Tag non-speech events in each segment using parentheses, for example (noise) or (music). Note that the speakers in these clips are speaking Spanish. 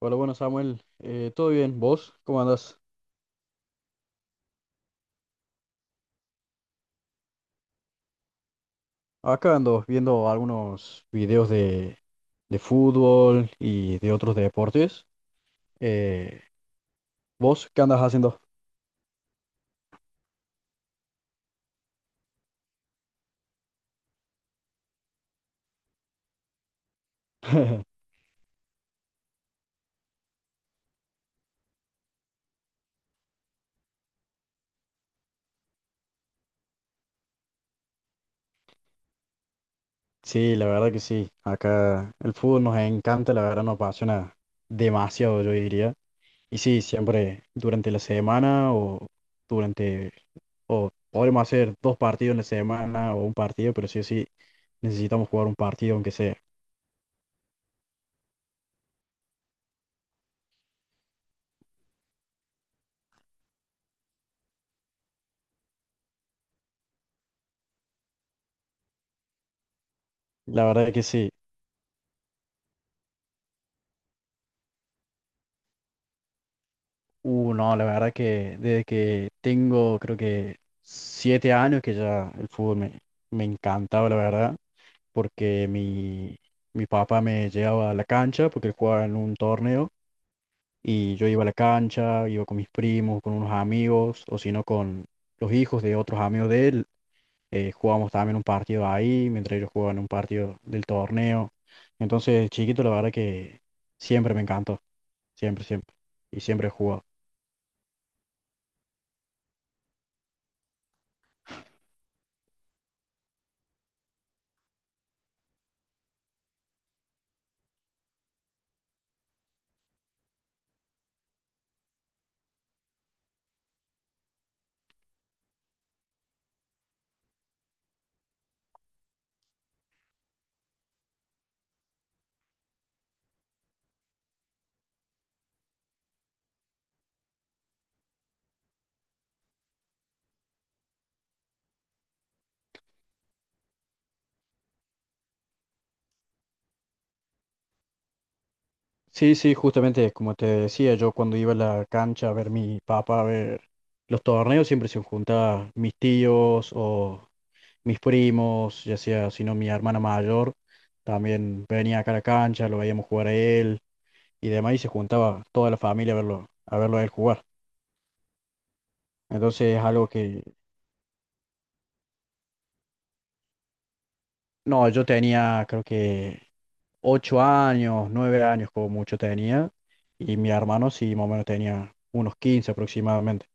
Hola, bueno Samuel. ¿Todo bien? ¿Vos? ¿Cómo andás? Acá ando viendo algunos videos de fútbol y de otros deportes. Eh, ¿Vos qué andas haciendo? (laughs) Sí, la verdad que sí. Acá el fútbol nos encanta, la verdad nos apasiona demasiado, yo diría. Y sí, siempre durante la semana o durante, o podremos hacer dos partidos en la semana o un partido, pero sí o sí necesitamos jugar un partido aunque sea. La verdad que sí. No, la verdad que desde que tengo creo que 7 años que ya el fútbol me encantaba, la verdad, porque mi papá me llevaba a la cancha porque él jugaba en un torneo y yo iba a la cancha, iba con mis primos, con unos amigos o si no con los hijos de otros amigos de él. Jugábamos también un partido ahí, mientras ellos jugaban un partido del torneo. Entonces, chiquito, la verdad que siempre me encantó, siempre, siempre, y siempre he jugado. Sí, sí, justamente como te decía, yo cuando iba a la cancha a ver mi papá, a ver los torneos, siempre se juntaban mis tíos o mis primos, ya sea, si no, mi hermana mayor, también venía acá a la cancha, lo veíamos jugar a él y demás, y se juntaba toda la familia a verlo, a verlo a él jugar. Entonces es algo que, no, yo tenía creo que 8 años, 9 años como mucho tenía, y mi hermano sí, más o menos tenía unos 15 aproximadamente.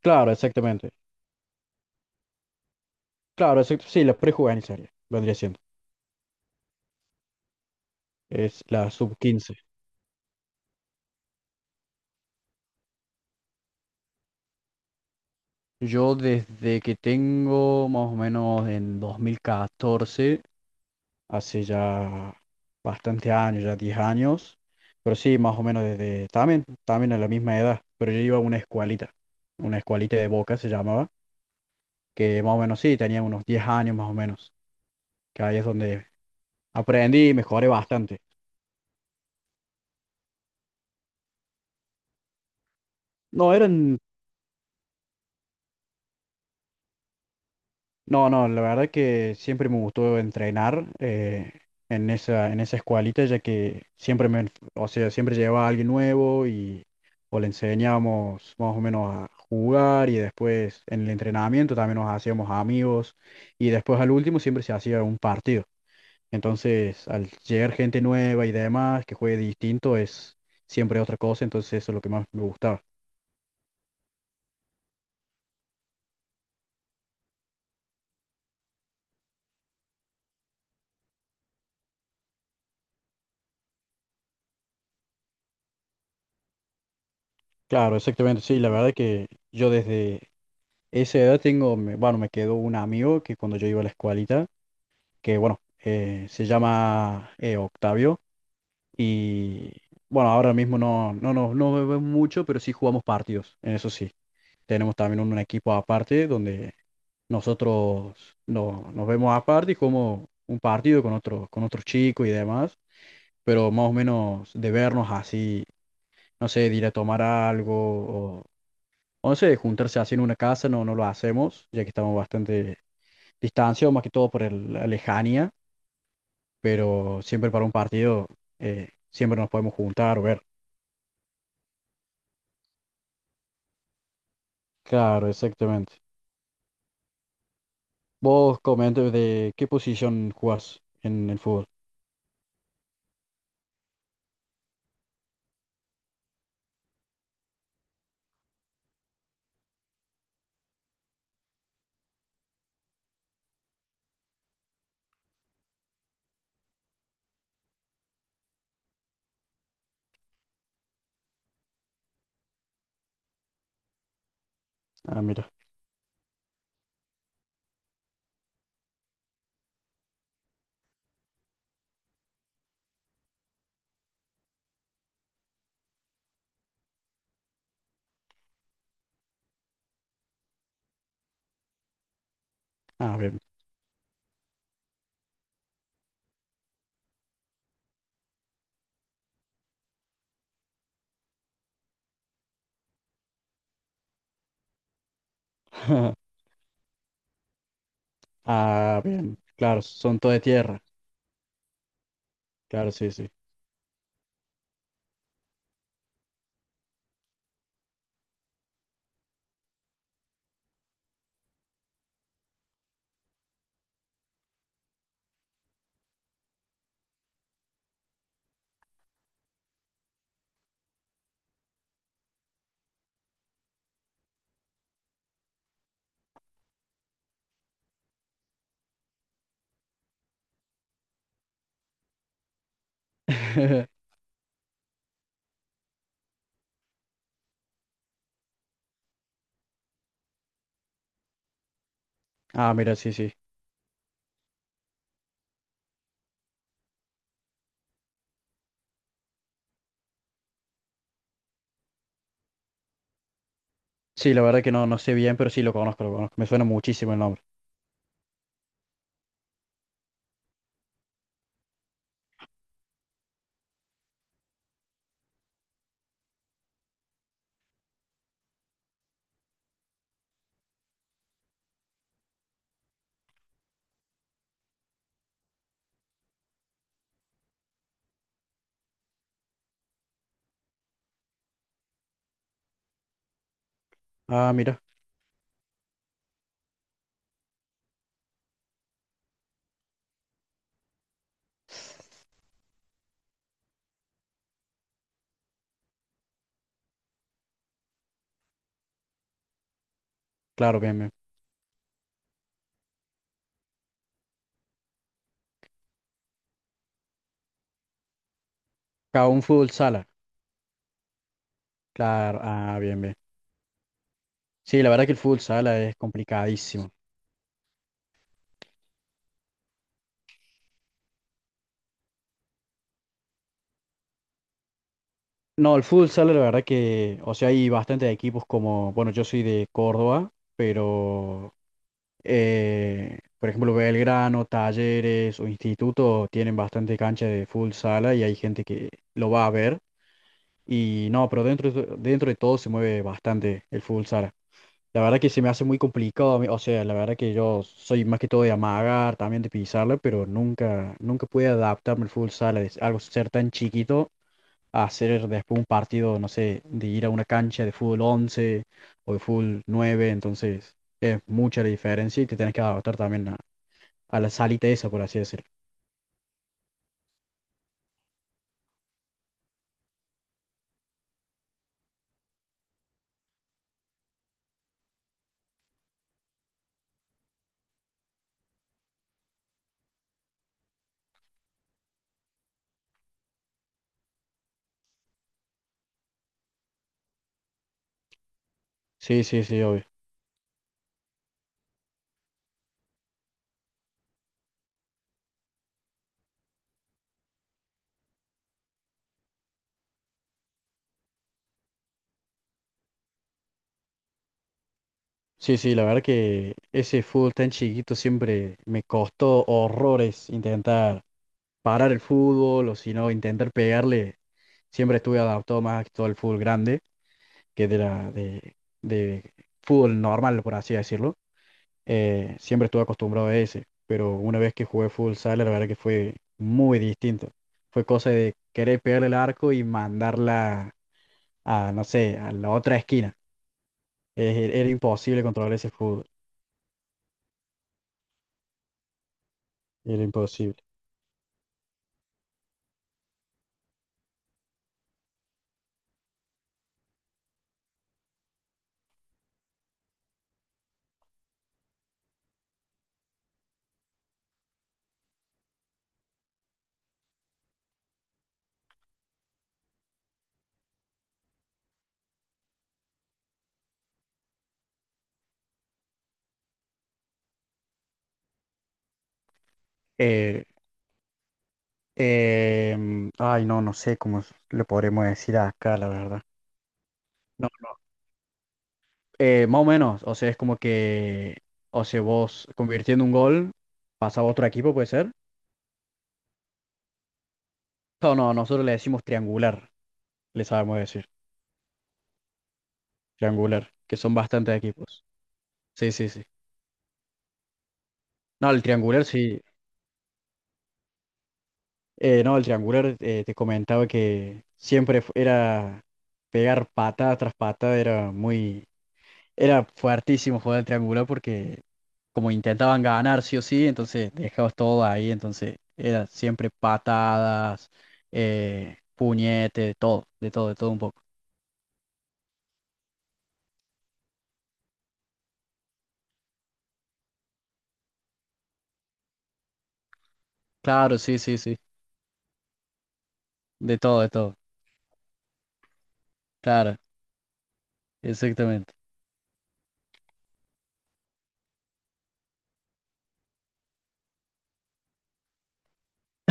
Claro, exactamente. Claro, sí, la prejuvenil sería, vendría siendo. Es la sub 15. Yo desde que tengo más o menos en 2014. Hace ya bastante años, ya 10 años. Pero sí, más o menos desde también, también a la misma edad. Pero yo iba a una escuelita de Boca se llamaba, que más o menos sí, tenía unos 10 años más o menos. Que ahí es donde aprendí y mejoré bastante. No eran. No, no, la verdad que siempre me gustó entrenar en esa escuelita, ya que siempre me, o sea, siempre llevaba a alguien nuevo y o le enseñábamos más o menos a jugar y después en el entrenamiento también nos hacíamos amigos y después al último siempre se hacía un partido. Entonces, al llegar gente nueva y demás que juegue distinto es siempre otra cosa, entonces eso es lo que más me gustaba. Claro, exactamente, sí, la verdad que yo desde esa edad tengo, bueno, me quedó un amigo que cuando yo iba a la escuelita, que bueno, se llama Octavio. Y bueno, ahora mismo no, no, no, no nos vemos mucho, pero sí jugamos partidos, en eso sí. Tenemos también un equipo aparte donde nosotros nos vemos aparte y jugamos un partido con otros chicos y demás, pero más o menos de vernos así, no sé, de ir a tomar algo 11 juntarse así en una casa, no, no lo hacemos, ya que estamos bastante distanciados, más que todo por la lejanía, pero siempre para un partido siempre nos podemos juntar o ver. Claro, exactamente. Vos comentas de qué posición jugás en el fútbol. Ah, mira. Ah, bien. (laughs) Ah, bien. Claro, son todo de tierra. Claro, sí, sí. (laughs) Ah, mira, sí, sí. Sí, la verdad que no, no sé bien, pero sí lo conozco, lo conozco. Me suena muchísimo el nombre. Ah, mira. Claro, bien, bien. Acá un fútbol sala. Claro, ah, bien, bien. Sí, la verdad que el fútbol sala es complicadísimo. No, el fútbol sala, la verdad que, o sea, hay bastantes equipos como, bueno, yo soy de Córdoba, pero, por ejemplo, Belgrano, Talleres o Instituto tienen bastante cancha de fútbol sala y hay gente que lo va a ver. Y no, pero dentro de todo se mueve bastante el fútbol sala. La verdad que se me hace muy complicado, a mí, o sea, la verdad que yo soy más que todo de amagar, también de pisarla, pero nunca, nunca pude adaptarme al fútbol sala, de algo ser tan chiquito a hacer después un partido, no sé, de ir a una cancha de fútbol 11 o de fútbol 9, entonces es mucha la diferencia y te tenés que adaptar también a la salita esa, por así decirlo. Sí, sí, sí, obvio. Sí, sí, la verdad que ese fútbol tan chiquito siempre me costó horrores intentar parar el fútbol o si no, intentar pegarle. Siempre estuve adaptado más que todo al fútbol grande, que de fútbol normal, por así decirlo. Siempre estuve acostumbrado a ese, pero una vez que jugué fútbol sala, la verdad que fue muy distinto. Fue cosa de querer pegarle el arco y mandarla a, no sé, a la otra esquina. Era imposible controlar ese fútbol. Era imposible. Eh, Ay, no, no sé cómo le podremos decir acá, la verdad. No, no. Más o menos, o sea, es como que, o sea, vos convirtiendo un gol, pasa a otro equipo, puede ser. No, no, nosotros le decimos triangular, le sabemos decir, triangular, que son bastantes equipos. Sí, sí, sí. No, el triangular sí. No, el triangular te comentaba que era pegar patada tras patada, era muy. Era, fue hartísimo jugar al triangular porque como intentaban ganar sí o sí, entonces dejabas todo ahí, entonces era siempre patadas, puñete, de todo, de todo, de todo un poco. Claro, sí, sí, sí, de todo, de todo. Claro, exactamente.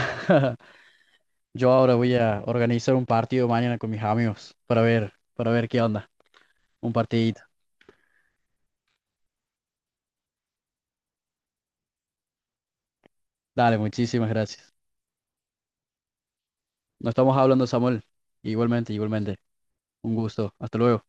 (laughs) Yo ahora voy a organizar un partido mañana con mis amigos para ver qué onda. Un partidito. Dale, muchísimas gracias. Nos estamos hablando, Samuel. Igualmente, igualmente. Un gusto. Hasta luego.